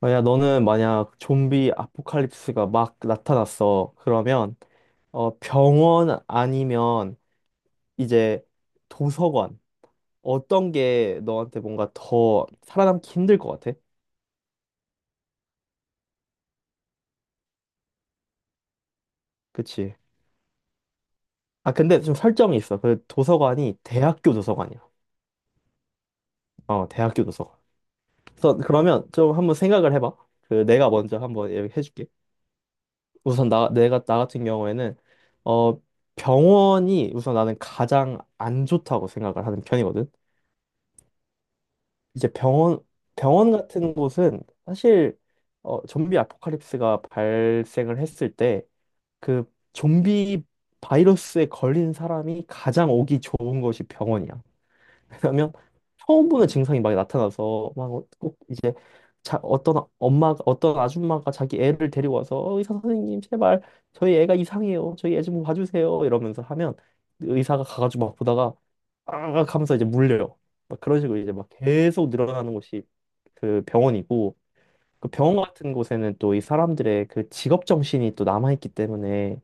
만약 좀비 아포칼립스가 막 나타났어. 그러면 병원 아니면 이제 도서관, 어떤 게 너한테 뭔가 더 살아남기 힘들 것 같아? 그치? 아 근데 좀 설정이 있어. 그 도서관이 대학교 도서관이야. 어 대학교 도서관. 그래서 그러면 좀 한번 생각을 해봐. 그 내가 먼저 한번 얘기해줄게. 우선 나 같은 경우에는 어 병원이 우선 나는 가장 안 좋다고 생각을 하는 편이거든. 이제 병원, 병원 같은 곳은 사실 좀비 아포칼립스가 발생을 했을 때 그 좀비 바이러스에 걸린 사람이 가장 오기 좋은 곳이 병원이야. 그러면 처음 보는 증상이 막 나타나서 막 꼭 이제 자, 어떤 아줌마가 자기 애를 데리고 와서 "어, 의사 선생님 제발 저희 애가 이상해요 저희 애 좀 봐주세요" 이러면서 하면 의사가 가가지고 막 보다가 아 하면서 이제 물려요. 막 그런 식으로 이제 막 계속 늘어나는 곳이 그 병원이고, 그 병원 같은 곳에는 또 이 사람들의 그 직업 정신이 또 남아있기 때문에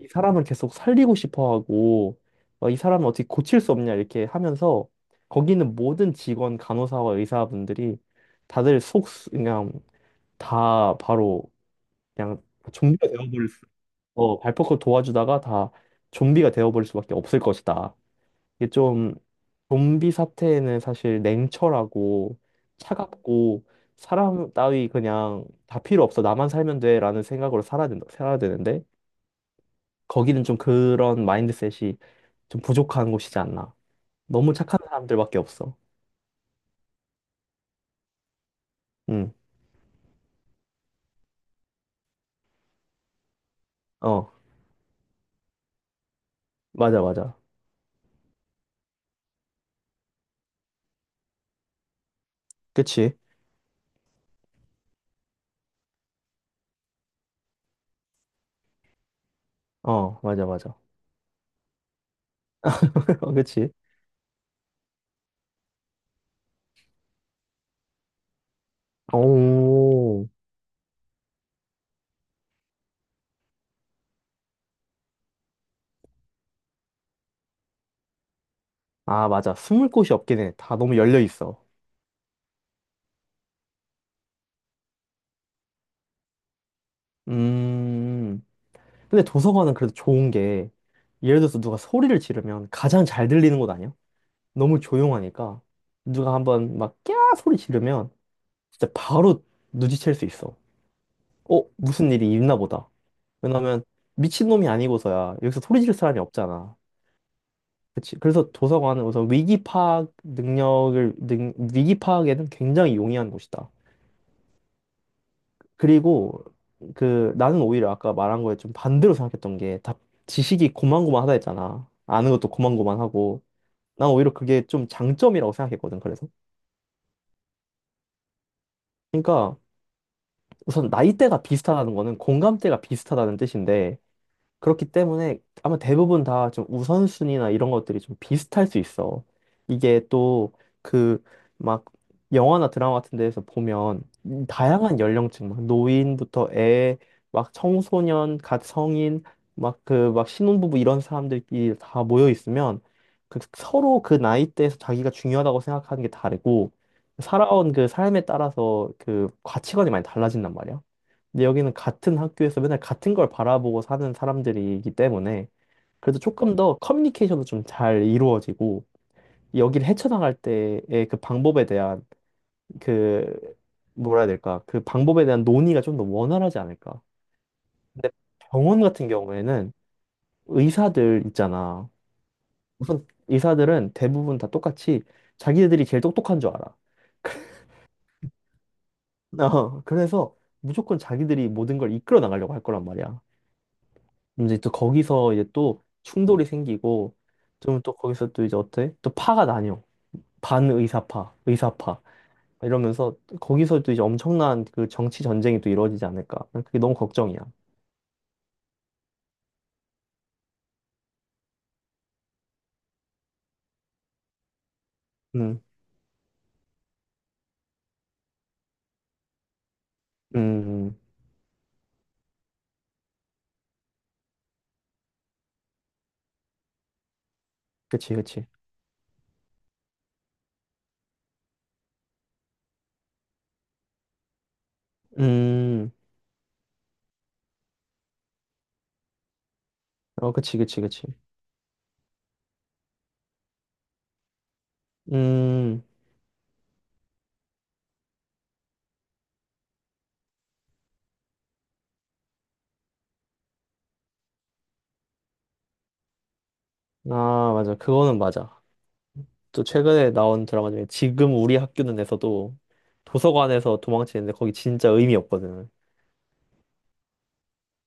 이 사람을 계속 살리고 싶어 하고, 어, 이 사람을 어떻게 고칠 수 없냐 이렇게 하면서 거기 있는 모든 직원 간호사와 의사분들이 다들 속 그냥 다 바로 그냥 좀비가 되어버릴 수 어, 발포크 도와주다가 다 좀비가 되어버릴 수밖에 없을 것이다. 이게 좀, 좀비 사태에는 사실 냉철하고 차갑고 사람 따위 그냥 다 필요 없어 나만 살면 돼라는 생각으로 살아야 되는데 거기는 좀 그런 마인드셋이 좀 부족한 곳이지 않나. 너무 착한 사람들밖에 없어. 응, 어, 맞아, 맞아. 그치? 어, 맞아, 맞아. 어, 그치? 오, 아, 맞아. 숨을 곳이 없긴 해. 다 너무 열려 있어. 음, 근데 도서관은 그래도 좋은 게, 예를 들어서 누가 소리를 지르면 가장 잘 들리는 곳 아니야? 너무 조용하니까. 누가 한번 막, 꺄! 소리 지르면 진짜 바로 눈치챌 수 있어. 어, 무슨 일이 있나 보다. 왜냐면, 미친놈이 아니고서야 여기서 소리 지를 사람이 없잖아. 그치. 그래서 도서관은 우선 위기 파악에는 굉장히 용이한 곳이다. 그리고 그 나는 오히려 아까 말한 거에 좀 반대로 생각했던 게 다 지식이 고만고만하다 했잖아. 아는 것도 고만고만하고. 난 오히려 그게 좀 장점이라고 생각했거든, 그래서. 그러니까 우선 나이대가 비슷하다는 거는 공감대가 비슷하다는 뜻인데, 그렇기 때문에 아마 대부분 다 좀 우선순위나 이런 것들이 좀 비슷할 수 있어. 이게 또 그 막 영화나 드라마 같은 데에서 보면 다양한 연령층, 막 노인부터 애, 막 청소년, 갓 성인, 막 신혼부부 이런 사람들끼리 다 모여 있으면 그 서로 그 나이대에서 자기가 중요하다고 생각하는 게 다르고 살아온 그 삶에 따라서 그 가치관이 많이 달라진단 말이야. 근데 여기는 같은 학교에서 맨날 같은 걸 바라보고 사는 사람들이기 때문에 그래도 조금 더 커뮤니케이션도 좀 잘 이루어지고 여기를 헤쳐나갈 때의 그 방법에 대한 그 뭐라 해야 될까? 그 방법에 대한 논의가 좀 더 원활하지 않을까? 근데 병원 같은 경우에는 의사들 있잖아. 우선 의사들은 대부분 다 똑같이 자기들이 제일 똑똑한 줄 알아. 어, 그래서 무조건 자기들이 모든 걸 이끌어 나가려고 할 거란 말이야. 그럼 이제 또 거기서 이제 또 충돌이 생기고 좀 또 거기서 또 이제 어때? 또 파가 나뉘어. 반의사파, 의사파 이러면서 거기서 또 이제 엄청난 그 정치 전쟁이 또 이루어지지 않을까. 난 그게 너무 걱정이야. 음, 음, 음. 그치, 그치. 음, 어, 그치, 그치, 그치. 음, 아, 맞아. 그거는 맞아. 또 최근에 나온 드라마 중에 지금 우리 학교는에서도 도서관에서 도망치는데 거기 진짜 의미 없거든.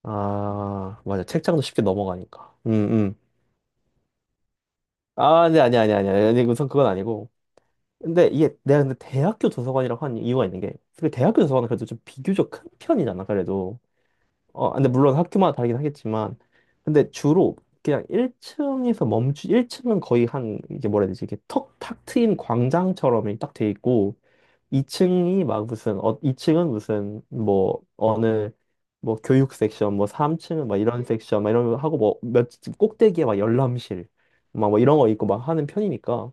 아, 맞아. 책장도 쉽게 넘어가니까. 아, 네, 아니 아니 아니 아니 아니, 우선 그건 아니고. 근데 이게 내가 근데 대학교 도서관이라고 한 이유가 있는 게, 그 대학교 도서관은 그래도 좀 비교적 큰 편이잖아, 그래도. 어, 근데 물론 학교마다 다르긴 하겠지만, 근데 주로 그냥 1층은 거의 한 이게 뭐라 해야 되지, 이게 턱 탁 트인 광장처럼 딱 돼 있고, 2층이 막 무슨 어, 2층은 무슨 뭐 어느 뭐 교육 섹션, 뭐 3층은 막 이런 섹션 막 이런 거 하고 뭐몇 꼭대기에 막 열람실 막 뭐 이런 거 있고 막 하는 편이니까,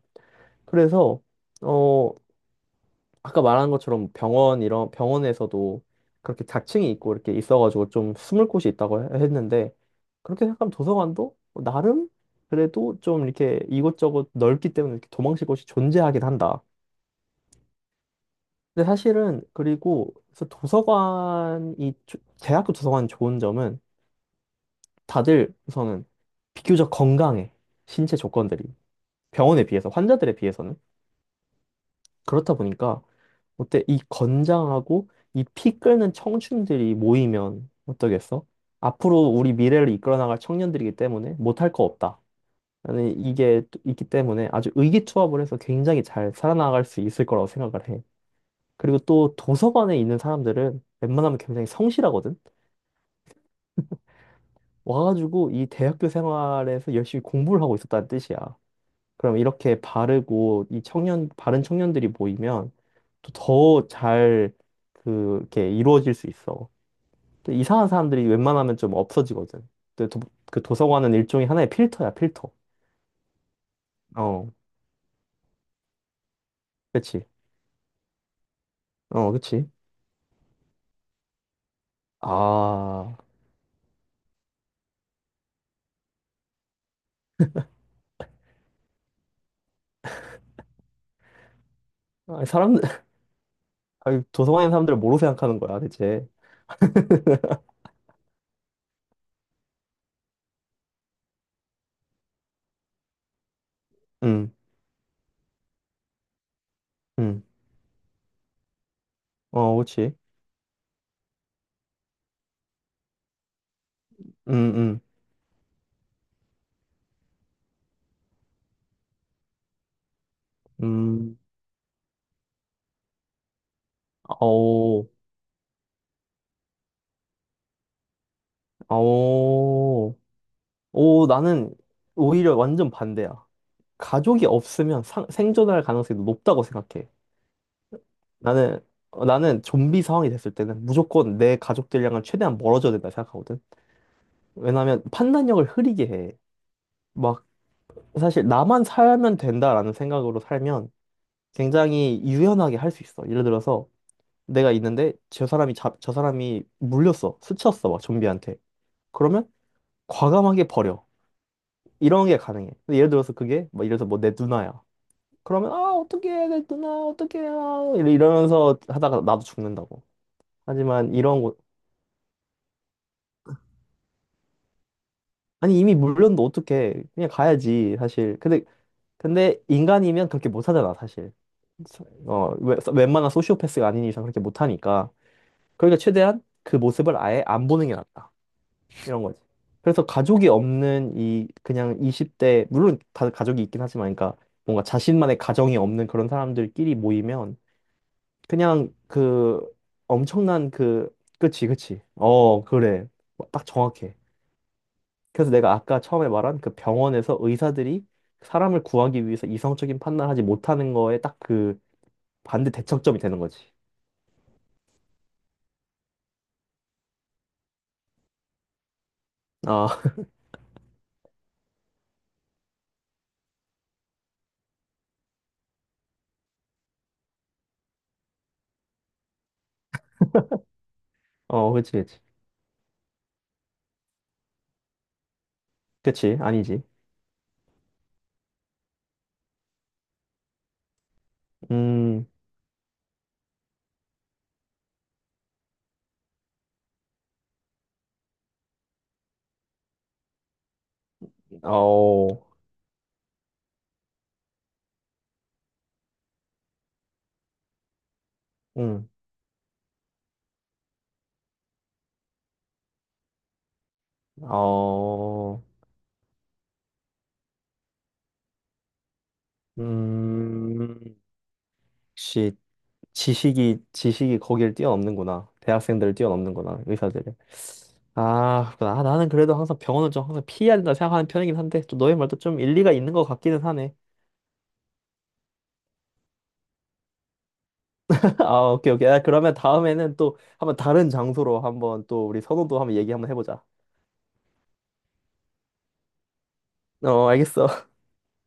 그래서 어 아까 말한 것처럼 병원 이런 병원에서도 그렇게 자층이 있고 이렇게 있어가지고 좀 숨을 곳이 있다고 했는데, 그렇게 생각하면 도서관도 나름 그래도 좀 이렇게 이곳저곳 넓기 때문에 이렇게 도망칠 곳이 존재하긴 한다. 근데 사실은 그리고 그래서 도서관이 대학교 도서관 좋은 점은 다들 우선은 비교적 건강해. 신체 조건들이 병원에 비해서 환자들에 비해서는, 그렇다 보니까 어때 이 건장하고 이 피 끓는 청춘들이 모이면 어떠겠어? 앞으로 우리 미래를 이끌어 나갈 청년들이기 때문에 못할 거 없다. 나는 이게 또 있기 때문에 아주 의기투합을 해서 굉장히 잘 살아나갈 수 있을 거라고 생각을 해. 그리고 또 도서관에 있는 사람들은 웬만하면 굉장히 성실하거든. 와가지고 이 대학교 생활에서 열심히 공부를 하고 있었다는 뜻이야. 그럼 이렇게 바르고 바른 청년들이 모이면 또 더 잘 그렇게 이루어질 수 있어. 또 이상한 사람들이 웬만하면 좀 없어지거든. 또 도, 그 도서관은 일종의 하나의 필터야, 필터. 어, 그치. 어, 그치. 아, 아니, 사람들, 아니, 도서관에 있는 사람들을 뭐로 생각하는 거야, 대체? 응, 응. 어, 그치. 음, 음, 음, 오, 오, 오, 나는 오히려 완전 반대야. 가족이 없으면 생존할 가능성이 높다고 생각해. 나는, 어, 나는 좀비 상황이 됐을 때는 무조건 내 가족들이랑은 최대한 멀어져야 된다 생각하거든. 왜냐면 판단력을 흐리게 해. 막, 사실 나만 살면 된다라는 생각으로 살면 굉장히 유연하게 할 수 있어. 예를 들어서 내가 있는데 저 사람이 물렸어. 스쳤어. 막 좀비한테. 그러면 과감하게 버려. 이런 게 가능해. 근데 예를 들어서 뭐 내 누나야. 그러면 아 어떡해 내 누나 어떡해 아, 이러면서 하다가 나도 죽는다고. 하지만 이런 거 아니 이미 물렸는데 어떡해 그냥 가야지 사실. 근데 인간이면 그렇게 못 하잖아 사실. 어 웬만한 소시오패스가 아닌 이상 그렇게 못 하니까. 그러니까 최대한 그 모습을 아예 안 보는 게 낫다 이런 거지. 그래서 가족이 없는 이 그냥 20대, 물론 다 가족이 있긴 하지만, 그러니까 뭔가 자신만의 가정이 없는 그런 사람들끼리 모이면 그냥 그 엄청난 그 그치 그치 어 그래 딱 정확해. 그래서 내가 아까 처음에 말한 그 병원에서 의사들이 사람을 구하기 위해서 이성적인 판단하지 못하는 거에 딱 그 반대 대척점이 되는 거지. 아어 그치 그치 그치 아니지 음어음어음 시 지식이 거기를 뛰어넘는구나. 대학생들을 뛰어넘는구나 의사들이. 아, 나는 그래도 항상 병원을 좀 항상 피해야 된다 생각하는 편이긴 한데, 좀 너의 말도 좀 일리가 있는 것 같기는 하네. 아, 오케이, 오케이. 아, 그러면 다음에는 또 한번 다른 장소로 한번 또 우리 선호도 한번 얘기 한번 해보자. 어, 알겠어.